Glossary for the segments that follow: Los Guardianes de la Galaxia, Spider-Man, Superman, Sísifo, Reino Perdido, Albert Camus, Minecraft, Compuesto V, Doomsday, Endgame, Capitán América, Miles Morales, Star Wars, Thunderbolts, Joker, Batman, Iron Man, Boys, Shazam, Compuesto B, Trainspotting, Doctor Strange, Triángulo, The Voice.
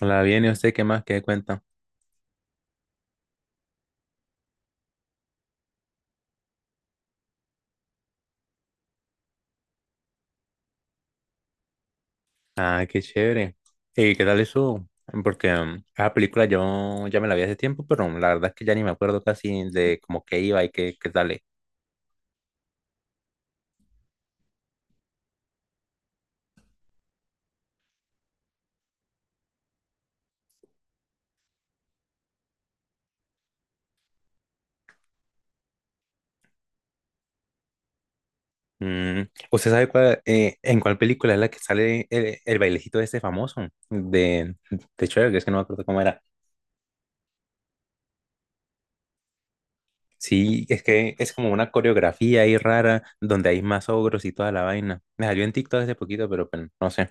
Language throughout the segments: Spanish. La viene usted, ¿qué más? ¿Qué cuenta? Ah, qué chévere. ¿Y qué tal eso? Porque esa película yo ya me la vi hace tiempo, pero la verdad es que ya ni me acuerdo casi de como qué iba y qué sale. Mm, ¿Usted sabe cuál, en cuál película es la que sale el bailecito de este famoso de Cher? Que es que no me acuerdo cómo era. Sí, es que es como una coreografía ahí rara donde hay más ogros y toda la vaina. Me salió en TikTok hace poquito, pero pues, no sé.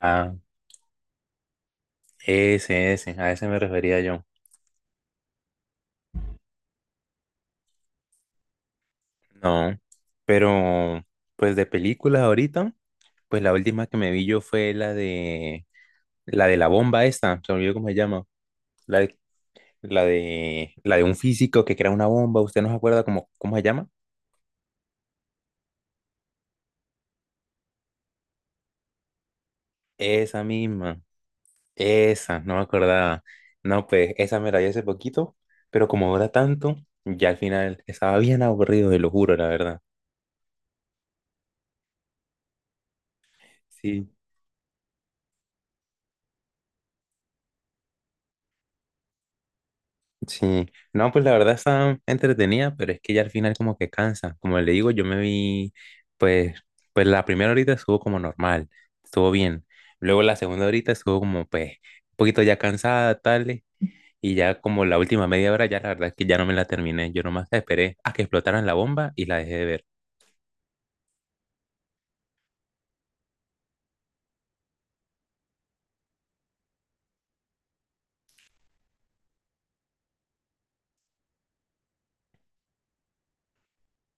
Ah, a ese me refería yo. No, pero pues de películas ahorita, pues la última que me vi yo fue la de la bomba esta, se me olvidó cómo se llama, la de, la de un físico que crea una bomba, ¿usted no se acuerda cómo se llama? Esa misma, esa, no me acordaba. No, pues esa me la vi hace poquito, pero como dura tanto, ya al final estaba bien aburrido, te lo juro, la verdad. Sí. Sí, no, pues la verdad está entretenida, pero es que ya al final como que cansa. Como le digo, yo me vi, pues, pues, la primera horita estuvo como normal, estuvo bien. Luego la segunda horita estuvo como, pues, un poquito ya cansada, tal, y ya como la última media hora, ya la verdad es que ya no me la terminé. Yo nomás esperé a que explotaran la bomba y la dejé de ver.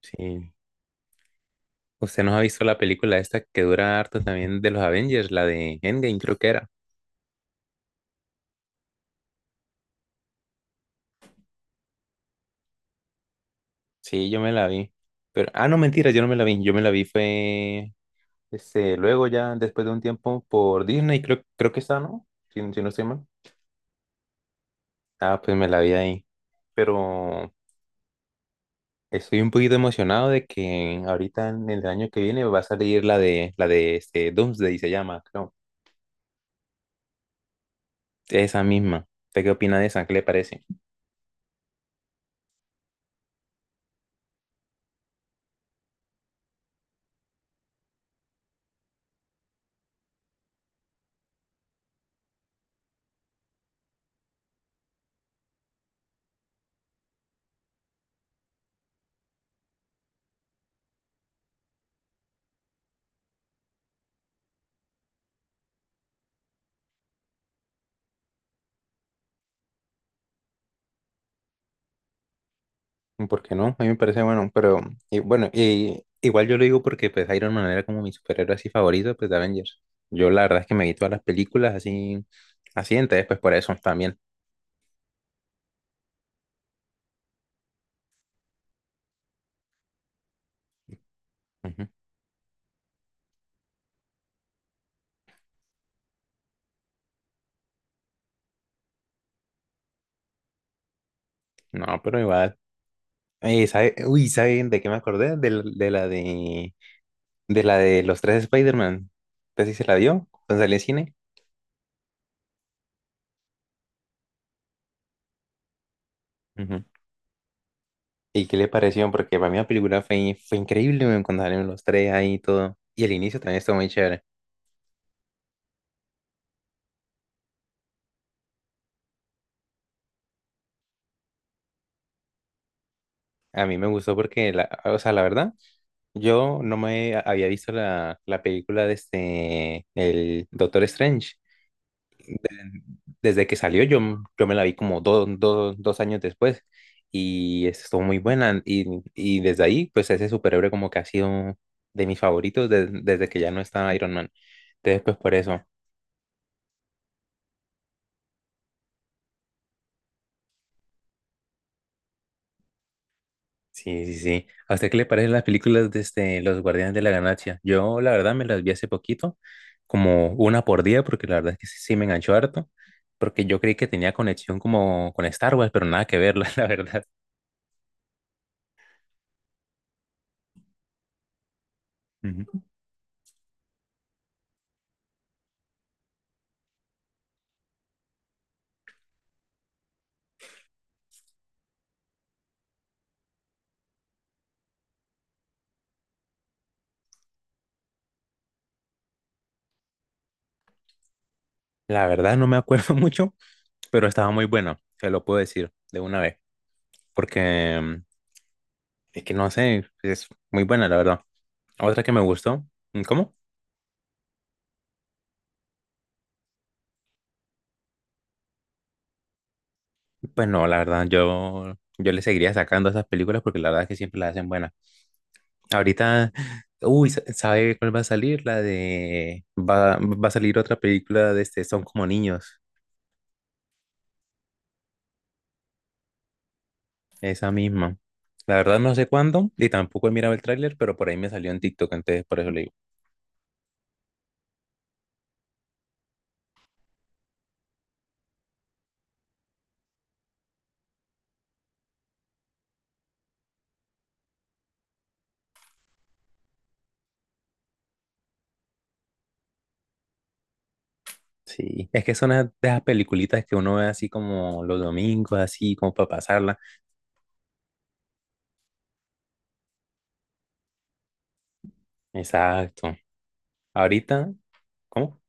Sí. ¿Usted nos ha visto la película esta que dura harto también de los Avengers, la de Endgame creo que era? Sí, yo me la vi. Pero, ah, no, mentira, yo no me la vi. Yo me la vi fue luego ya después de un tiempo por Disney, creo que está, ¿no? Si, si no estoy mal. Ah, pues me la vi ahí. Pero estoy un poquito emocionado de que ahorita en el año que viene va a salir la de este Doomsday se llama, creo. Esa misma. ¿Usted qué opina de esa? ¿Qué le parece? ¿Por qué no? A mí me parece bueno, pero y bueno, igual yo lo digo porque pues Iron Man era como mi superhéroe así favorito, pues de Avengers. Yo la verdad es que me vi todas las películas así así, entonces pues por eso también. Ujú. No, pero igual. Uy, ¿saben de qué me acordé? De la de los tres Spider-Man. ¿Usted sí se la vio cuando salió en cine? Ujú. ¿Y qué le pareció? Porque para mí la película fue increíble weón, cuando salieron los tres ahí y todo. Y el inicio también estuvo muy chévere. A mí me gustó porque, o sea, la verdad, yo no me había visto la película de este, el Doctor Strange. Desde que salió, yo, me la vi como dos años después y estuvo muy buena. Y desde ahí, pues ese superhéroe como que ha sido de mis favoritos desde que ya no está Iron Man. Entonces, pues por eso. Sí, sí, sí. ¿A usted qué le parecen las películas de Los Guardianes de la Galaxia? Yo, la verdad, me las vi hace poquito, como una por día, porque la verdad es que sí, sí me enganchó harto, porque yo creí que tenía conexión como con Star Wars, pero nada que ver, la verdad. Ujú. La verdad no me acuerdo mucho, pero estaba muy buena, se lo puedo decir de una vez, porque es que no sé, es muy buena, la verdad. Otra que me gustó, ¿cómo? Pues no, la verdad, yo le seguiría sacando a esas películas porque la verdad es que siempre las hacen buenas. Ahorita, uy, ¿sabe cuál va a salir? Va a salir otra película de Son como niños, esa misma. La verdad no sé cuándo y tampoco he mirado el tráiler, pero por ahí me salió en TikTok, entonces por eso le digo. Sí, es que son de esas peliculitas que uno ve así como los domingos, así como para pasarla. Exacto. Ahorita, ¿cómo?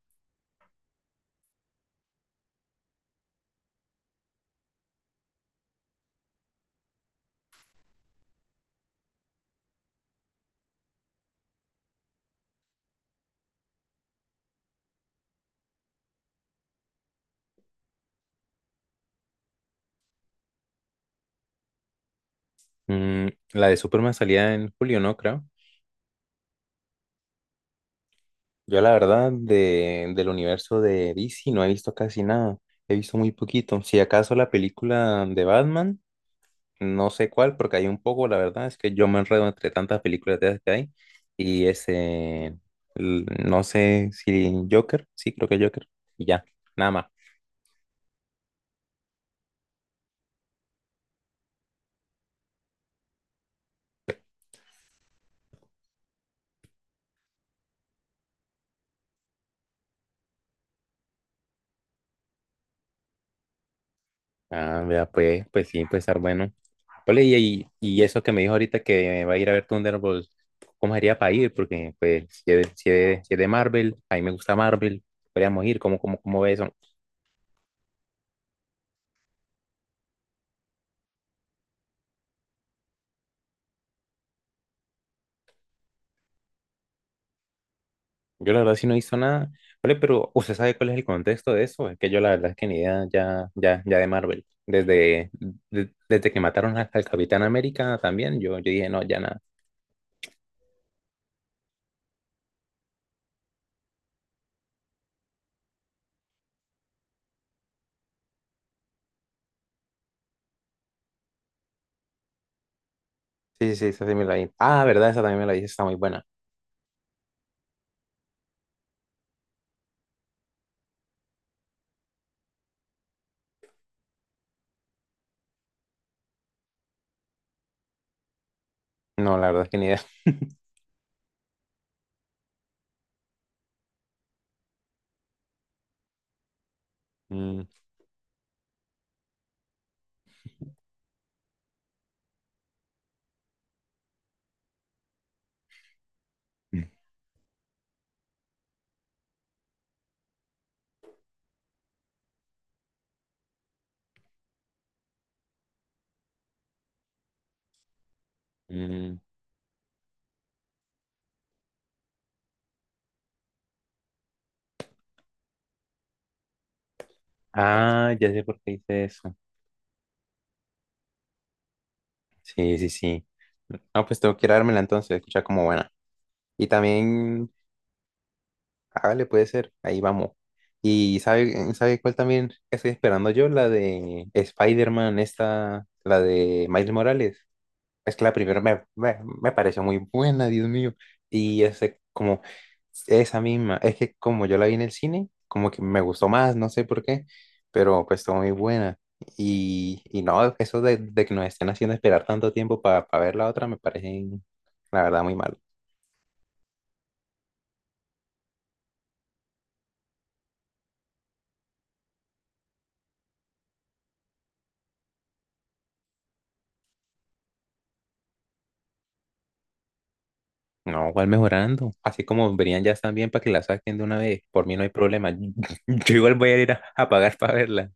Mm, la de Superman salía en julio, ¿no? Creo. Yo la verdad del universo de DC no he visto casi nada. He visto muy poquito. Si acaso la película de Batman, no sé cuál, porque hay un poco, la verdad, es que yo me enredo entre tantas películas de esas que hay. Y no sé si Joker, sí, creo que Joker. Y ya, nada más. Ah, vea, pues, sí, puede estar bueno. Ole, y eso que me dijo ahorita que va a ir a ver Thunderbolts, ¿cómo sería para ir? Porque, pues, si es de Marvel, a mí me gusta Marvel, podríamos ir, ¿cómo ve eso? Yo la verdad sí no he visto nada. Ole, pero ¿usted sabe cuál es el contexto de eso? Es que yo la verdad es que ni idea ya de Marvel. Desde que mataron al Capitán América también, yo dije, no, ya nada. Sí, sí, sí, esa sí me la vi. Ah, verdad, esa también me la vi, está muy buena. No, la verdad es que ni idea. Mm. Mm. Ah, ya sé por qué hice eso. Sí, sí, sí. No, pues tengo que ir a dármela entonces, escucha como buena. Y también, hágale, puede ser, ahí vamos. Y ¿sabe cuál también estoy esperando yo? La de Spider-Man, esta, la de Miles Morales. Es que la primera me, me pareció muy buena, Dios mío. Y esa misma, es que como yo la vi en el cine, como que me gustó más, no sé por qué, pero pues está muy buena. Y no, eso de que nos estén haciendo esperar tanto tiempo para ver la otra me parece, la verdad, muy mal. No, igual mejorando. Así como verían ya también para que la saquen de una vez. Por mí no hay problema. Yo igual voy a ir a pagar para verla.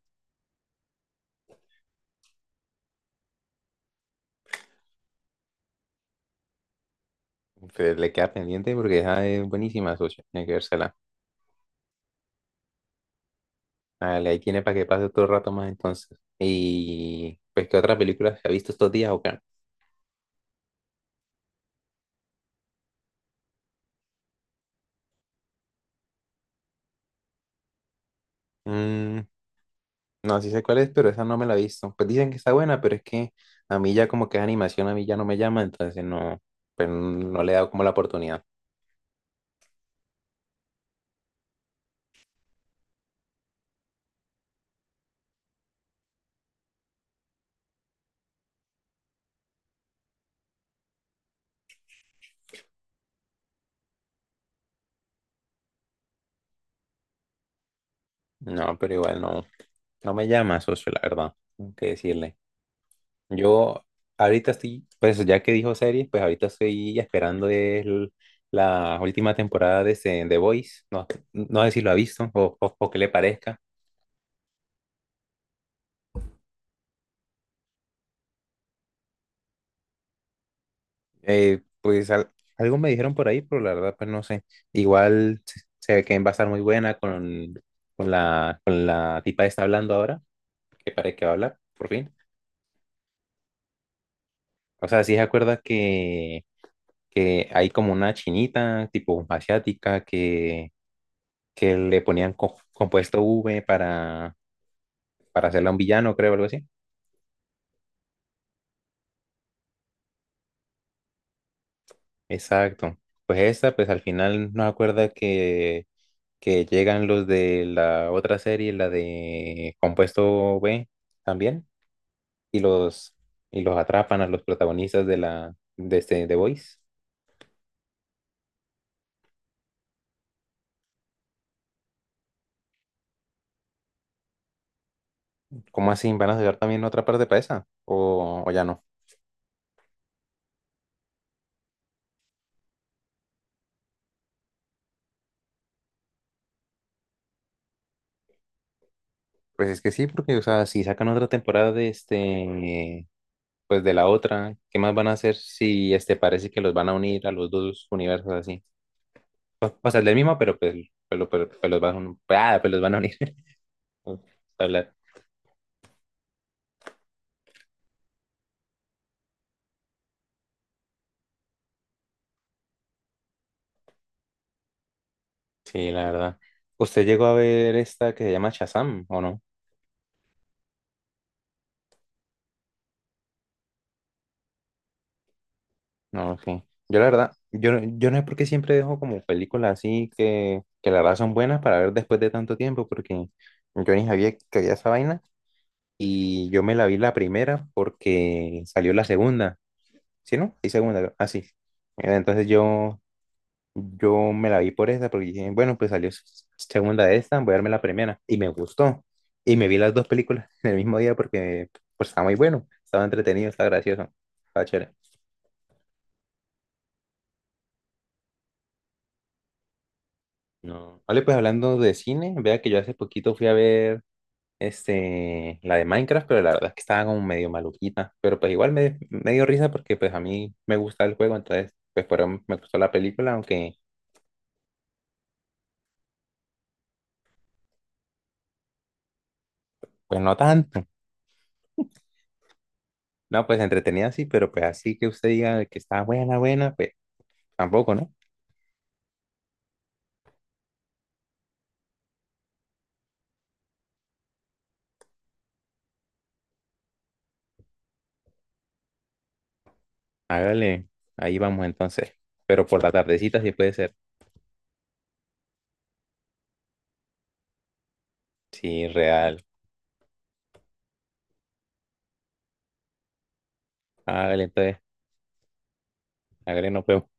Pero le queda pendiente porque esa es buenísima, socio. Tiene que vérsela. Vale, ahí tiene para que pase otro rato más entonces. Y pues, ¿qué otra película se ha visto estos días o qué? Mm, no, sí sé cuál es, pero esa no me la he visto. Pues dicen que está buena, pero es que a mí ya como que es animación, a mí ya no me llama, entonces no, pues no le he dado como la oportunidad. No, pero igual no, no me llama, socio, la verdad, tengo que decirle. Yo ahorita estoy, pues ya que dijo series, pues ahorita estoy esperando la última temporada de Boys. No, no sé si lo ha visto o qué le parezca. Pues algo me dijeron por ahí, pero la verdad, pues no sé. Igual se ve que va a estar muy buena con la tipa que está hablando ahora, que parece que va a hablar, por fin. O sea, sí se acuerda que hay como una chinita, tipo asiática, que le ponían compuesto V para hacerla un villano, creo, algo así. Exacto. Pues esa, pues al final nos acuerda que llegan los de la otra serie, la de Compuesto B también, y los, y los atrapan a los protagonistas de la de este The Voice. ¿Cómo así? ¿Van a sacar también otra parte para esa? ¿O ya no? Pues es que sí, porque o sea, si sacan otra temporada de este, pues de la otra, ¿qué más van a hacer si este parece que los van a unir a los dos universos así? O sea, el del mismo, pero pues los van, pues los van a unir. hablar. Sí, la verdad. ¿Usted llegó a ver esta que se llama Shazam o no? No, sí. Yo la verdad, yo no sé por qué siempre dejo como películas así que la verdad son buenas para ver después de tanto tiempo, porque yo ni sabía que había esa vaina y yo me la vi la primera porque salió la segunda, ¿sí no? Y segunda, así. Entonces yo me la vi por esa, porque dije, bueno, pues salió segunda de esta, voy a darme la primera. Y me gustó. Y me vi las dos películas en el mismo día porque pues, estaba muy bueno, estaba entretenido, estaba gracioso, estaba chévere. No. Vale, pues hablando de cine, vea que yo hace poquito fui a ver la de Minecraft, pero la verdad es que estaba como medio maluquita. Pero pues igual me, dio risa porque pues a mí me gusta el juego, entonces pues por eso me gustó la película, aunque pues no tanto. No, pues entretenida sí, pero pues así que usted diga que está buena, buena, pues tampoco, ¿no? Hágale, ahí vamos entonces. Pero por la tardecita sí puede ser. Sí, real. Hágale entonces, hágale, nos vemos.